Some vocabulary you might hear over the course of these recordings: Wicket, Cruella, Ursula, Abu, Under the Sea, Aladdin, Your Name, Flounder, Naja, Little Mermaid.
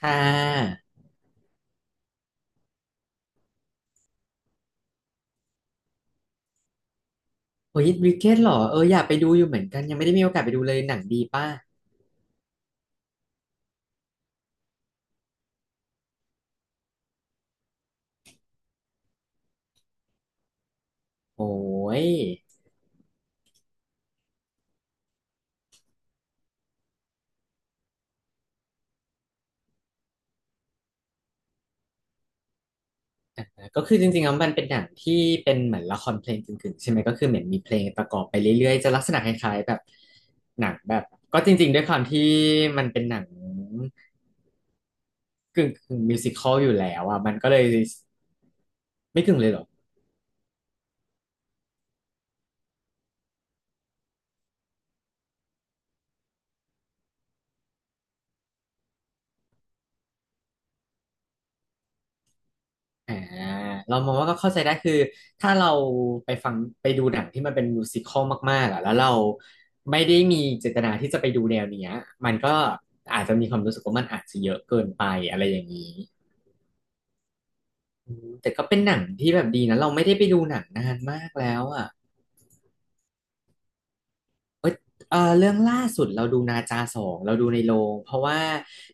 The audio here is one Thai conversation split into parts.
ค่ะโอ้ยวิกเก็ตหรอเอออยากไปดูอยู่เหมือนกันยังไม่ได้มีโอกาสไปดูเลยหนังดีป่ะโอ้ยก็คือจริงๆแล้วมันเป็นหนังที่เป็นเหมือนละครเพลงกึ่งๆใช่ไหมก็คือเหมือนมีเพลงประกอบไปเรื่อยๆจะลักษณะคล้ายๆแบบหนังแบบก็จริงๆด้วยความที่มันเป็นหนังกึ่งๆมิวสิคอลอยู่แล้วอ่ะมันก็เลยไม่กึ่งเลยเหรอ อ่าเรามองว่าก็เข้าใจได้คือถ้าเราไปฟังไปดูหนังที่มันเป็นมิวสิคอลมากๆอ่ะแล้วเราไม่ได้มีเจตนาที่จะไปดูแนวเนี้ยมันก็อาจจะมีความรู้สึกว่ามันอาจจะเยอะเกินไปอะไรอย่างนี้อืมแต่ก็เป็นหนังที่แบบดีนะเราไม่ได้ไปดูหนังนานมากแล้วอ่ะเอ้ยเออเรื่องล่าสุดเราดูนาจาสองเราดูในโรงเพราะว่า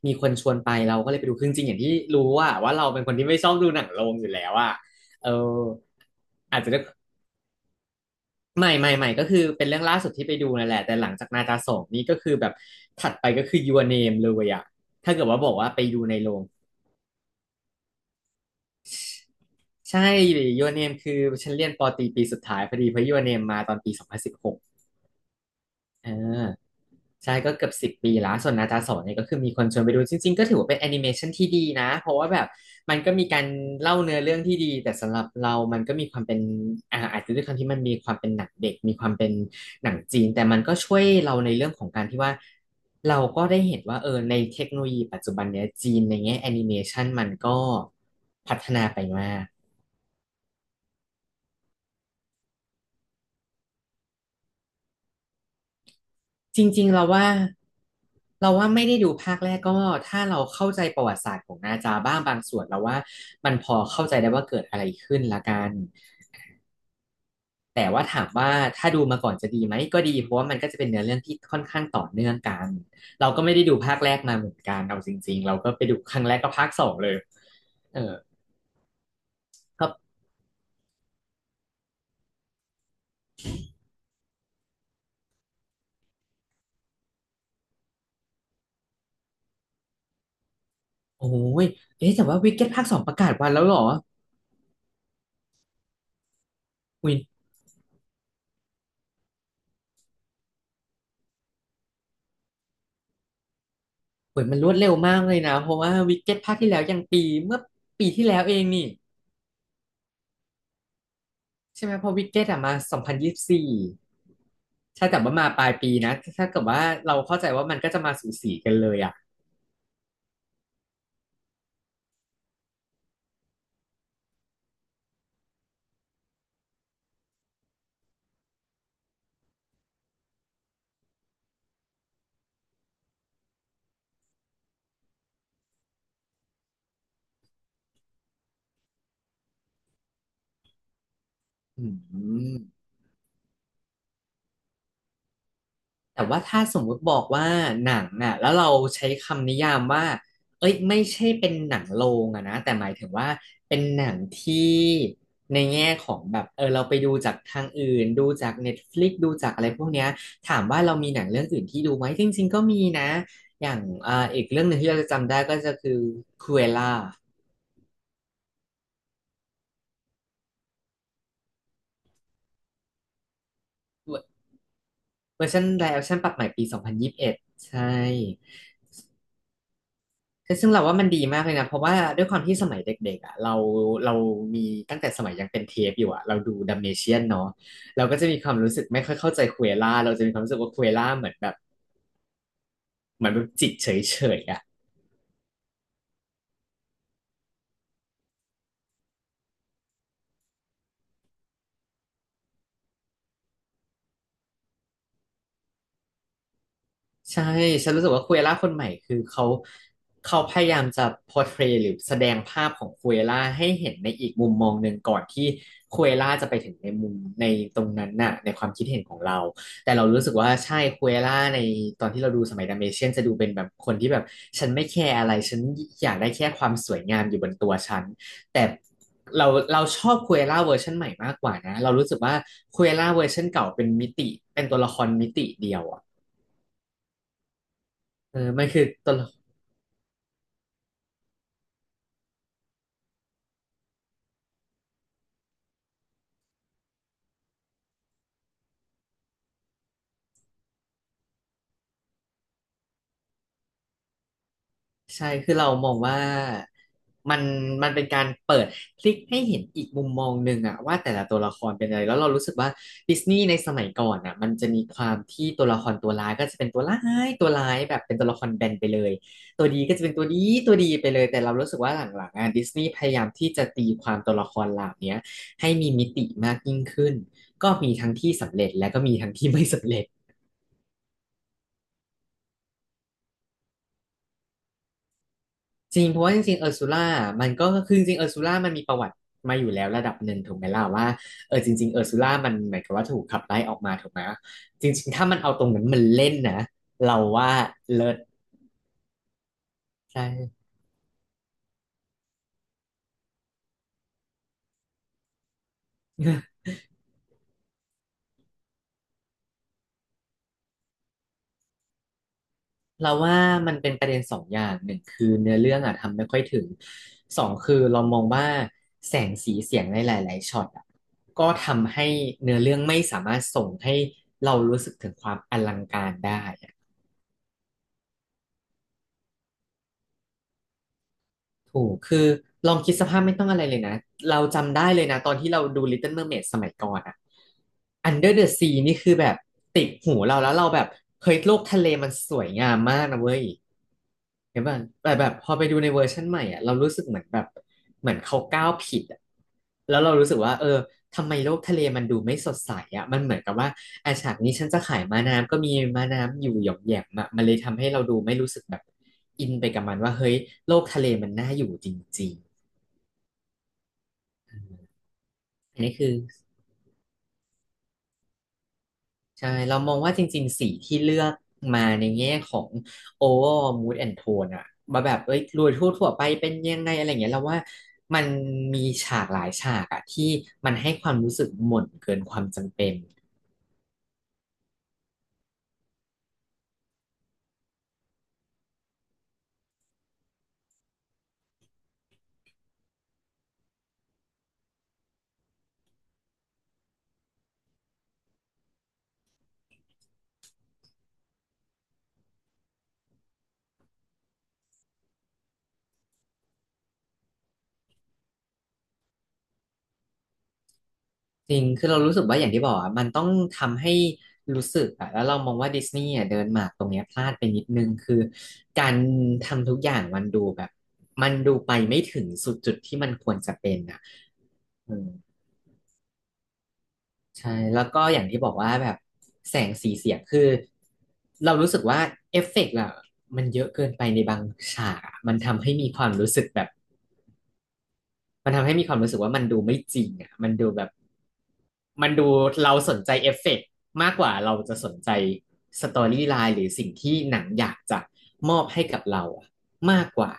มีคนชวนไปเราก็เลยไปดูคือจริงๆอย่างที่รู้ว่าเราเป็นคนที่ไม่ชอบดูหนังโรงอยู่แล้วอ่ะเอออาจจะ ไม่ก็คือเป็นเรื่องล่าสุดที่ไปดูนั่นแหละแต่หลังจากนาจาสองนี่ก็คือแบบถัดไปก็คือ Your Name เลยอะถ้าเกิดว่าบอกว่าไปดูในโรงใช่ Your Name คือฉันเรียนปอตรีปีสุดท้ายพอดีเพราะ Your Name มาตอนปี2016อ่า ใช่ก็เกือบสิบปีแล้วส่วนนาจาโสเนี่ยก็คือมีคนชวนไปดูจริงๆก็ถือว่าเป็นแอนิเมชันที่ดีนะเพราะว่าแบบมันก็มีการเล่าเนื้อเรื่องที่ดีแต่สำหรับเรามันก็มีความเป็นอาจจะด้วยความที่มันมีความเป็นหนังเด็กมีความเป็นหนังจีนแต่มันก็ช่วยเราในเรื่องของการที่ว่าเราก็ได้เห็นว่าเออในเทคโนโลยีปัจจุบันเนี้ยจีนในแง่แอนิเมชันมันก็พัฒนาไปมาก จริงๆเราว่าไม่ได้ดูภาคแรกก็ถ้าเราเข้าใจประวัติศาสตร์ของนาจาบ้างบางส่วนเราว่ามันพอเข้าใจได้ว่าเกิดอะไรขึ้นละกันแต่ว่าถามว่าถ้าดูมาก่อนจะดีไหมก็ดีเพราะว่ามันก็จะเป็นเนื้อเรื่องที่ค่อนข้างต่อเนื่องกันเราก็ไม่ได้ดูภาคแรกมาเหมือนกันเอาจริงๆเราก็ไปดูครั้งแรกก็ภาคสองเลยเออครับโอ้ยเอ๊ะแต่ว่าวิกเก็ตภาคสองประกาศวันแล้วเหรออุ้ยเหมือนมันรวดเร็วมากเลยนะเพราะว่าวิกเก็ตภาคที่แล้วยังปีเมื่อปีที่แล้วเองนี่ ใช่ไหมเพราะวิกเก็ตอะมา2024ใช่แต่ว่ามาปลายปีนะถ้าเกิดว่าเราเข้าใจว่ามันก็จะมาสูสีกันเลยอ่ะอืมแต่ว่าถ้าสมมุติบอกว่าหนังอ่ะแล้วเราใช้คำนิยามว่าเอ้ยไม่ใช่เป็นหนังโรงอะนะแต่หมายถึงว่าเป็นหนังที่ในแง่ของแบบเออเราไปดูจากทางอื่นดูจาก Netflix ดูจากอะไรพวกเนี้ยถามว่าเรามีหนังเรื่องอื่นที่ดูไหมจริงๆก็มีนะอย่างอีกเรื่องหนึ่งที่เราจะจำได้ก็จะคือคูเอล่า เวอร์ชันไลฟ์แอคชั่นปรับใหม่ปี2021ใช่ซึ่งเราว่ามันดีมากเลยนะเพราะว่าด้วยความที่สมัยเด็กๆอ่ะเรามีตั้งแต่สมัยยังเป็นเทปอยู่อ่ะเราดูดัมเมเชียนเนาะเราก็จะมีความรู้สึกไม่ค่อยเข้าใจคุเอล่าเราจะมีความรู้สึกว่าคุเอล่าเหมือนแบบเหมือนแบบจิตเฉยๆอ่ะ ใช่ฉันรู้สึกว่าคุเอล่าคนใหม่คือเขาพยายามจะ portray หรือแสดงภาพของคุเอล่าให้เห็นในอีกมุมมองหนึ่งก่อนที่คุเอล่าจะไปถึงในมุมในตรงนั้นน่ะในความคิดเห็นของเราแต่เรารู้สึกว่าใช่คุเอล่าในตอนที่เราดูสมัยดัมเมเชียนจะดูเป็นแบบคนที่แบบฉันไม่แคร์อะไรฉันอยากได้แค่ความสวยงามอยู่บนตัวฉันแต่เราเราชอบคุเอล่าเวอร์ชันใหม่มากกว่านะเรารู้สึกว่าคุเอล่าเวอร์ชันเก่าเป็นมิติเป็นตัวละครมิติเดียวอะ เออมันคือตลกใช่คือเรามองว่ามันมันเป็นการเปิดพลิกให้เห็นอีกมุมมองหนึ่งอะว่าแต่ละตัวละครเป็นอะไรแล้วเรารู้สึกว่าดิสนีย์ในสมัยก่อนอะมันจะมีความที่ตัวละครตัวร้ายก็จะเป็นตัวร้ายแบบเป็นตัวละครแบนไปเลยตัวดีก็จะเป็นตัวดีไปเลยแต่เรารู้สึกว่าหลังๆอะดิสนีย์พยายามที่จะตีความตัวละครเหล่าเนี้ยให้มีมิติมากยิ่งขึ้นก็มีทั้งที่สำเร็จและก็มีทั้งที่ไม่สำเร็จ จริงเพราะว่าจริงๆเออร์ซูล่ามันก็คือจริงๆเออร์ซูล่ามันมีประวัติมาอยู่แล้วระดับหนึ่งถูกไหมล่ะว่าเออจริงๆเออร์ซูล่ามันหมายความว่าถูกขับไล่ออกมาถูกไหมจริงๆถ้ามันเอาตรงนั้นมันเล่นนะเราว่าเลิศใช่ เราว่ามันเป็นประเด็นสองอย่างหนึ่งคือเนื้อเรื่องอะทำไม่ค่อยถึงสองคือเรามองว่าแสงสีเสียงในหลายๆช็อตอะก็ทำให้เนื้อเรื่องไม่สามารถส่งให้เรารู้สึกถึงความอลังการได้ ถูกคือลองคิดสภาพไม่ต้องอะไรเลยนะเราจำได้เลยนะตอนที่เราดู Little Mermaid สมัยก่อนอะ Under the Sea นี่คือแบบติดหูเราแล้วเราแบบเฮ้ยโลกทะเลมันสวยงามมากนะเว้ยเห็นป่ะแต่แบบพอไปดูในเวอร์ชันใหม่อะเรารู้สึกเหมือนแบบเหมือนเขาก้าวผิดอะแล้วเรารู้สึกว่าเออ ทำไมโลกทะเลมันดูไม่สดใสอ่ะมันเหมือนกับว่าฉากนี้ฉันจะขายม้าน้ำก็มีม้าน้ำอยู่หย่อมแหย่มอะมันเลยทำให้เราดูไม่รู้สึกแบบอินไปกับมันว่าเฮ้ยโลกทะเลมันน่าอยู่จริงๆอันนี้คือใช่เรามองว่าจริงๆสีที่เลือกมาในแง่ของ overall mood and tone อะมาแบบเอ้ยโดยทั่วๆไปเป็นยังไงอะไรอย่างเงี้ยเราว่ามันมีฉากหลายฉากอะที่มันให้ความรู้สึกหม่นเกินความจำเป็น จริงคือเรารู้สึกว่าอย่างที่บอกอ่ะมันต้องทำให้รู้สึกอ่ะแล้วเรามองว่าดิสนีย์อ่ะเดินหมากตรงเนี้ยพลาดไปนิดนึงคือการทำทุกอย่างมันดูแบบมันดูไปไม่ถึงสุดจุดที่มันควรจะเป็นอ่ะอืมใช่แล้วก็อย่างที่บอกว่าแบบแสงสีเสียงคือเรารู้สึกว่าเอฟเฟกต์อะมันเยอะเกินไปในบางฉากอะมันทำให้มีความรู้สึกแบบ มันทำให้มีความรู้สึกว่ามันดูไม่จริงอ่ะมันดูแบบมันดูเราสนใจเอฟเฟกต์มากกว่าเราจะสนใจสตอรี่ไลน์หรือสิ่งที่หนังอยากจะมอบให้กับเราอะมากกว่า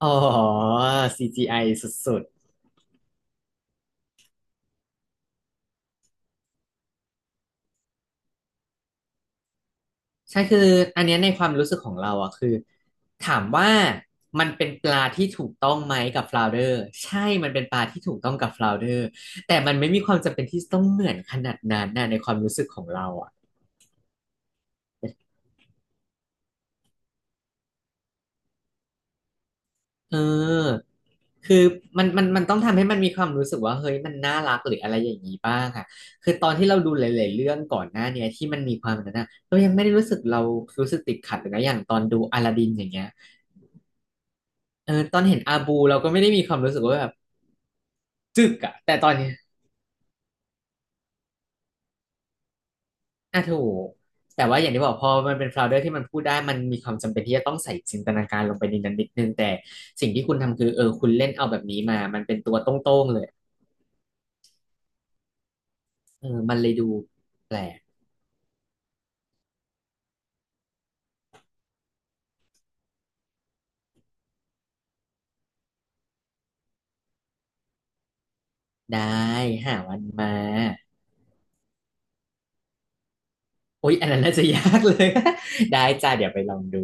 อ๋อ CGI สุดๆใช่คืออันเนี้ยในความรู้สึกของเราอะคือถามว่ามันเป็นปลาที่ถูกต้องไหมกับฟลาวเดอร์ใช่ มันเป็นปลาที่ถูกต้องกับฟลาวเดอร์แต่มันไม่มีความจำเป็นที่ต้องเหมือนขนาดนั้นนะในความรู้สึกของเราอะ เออคือมันต้องทำให้มันมีความรู้สึกว่าเฮ้ยมันน่ารักหรืออะไรอย่างนี้บ้างอ่ะคือตอนที่เราดูหลายๆเรื่องก่อนหน้าเนี้ยที่มันมีความแบบนั้นอ่ะเรายังไม่ได้รู้สึกเรารู้สึกติดขัดเลยนะอย่างตอนดูอลาดินอย่างเงี้ยเออตอนเห็นอาบูเราก็ไม่ได้มีความรู้สึกว่าแบบจึกอ่ะแต่ตอนเนี้ยอ่ะถูกแต่ว่าอย่างที่บอกพอมันเป็นฟลาวเดอร์ที่มันพูดได้มันมีความจำเป็นที่จะต้องใส่จินตนาการลงไปในนั้นนิดนึงแต่สิ่งที่คุณทำคือเออคุณเล่นเอาแบบนี้มามันเป็นตัวโต้งๆเลยเออมันเลยดูแปลก ได้หาวันมาอุ๊ยอันนั้นน่าจะยากเลย ได้จ้าเดี๋ยวไปลองดู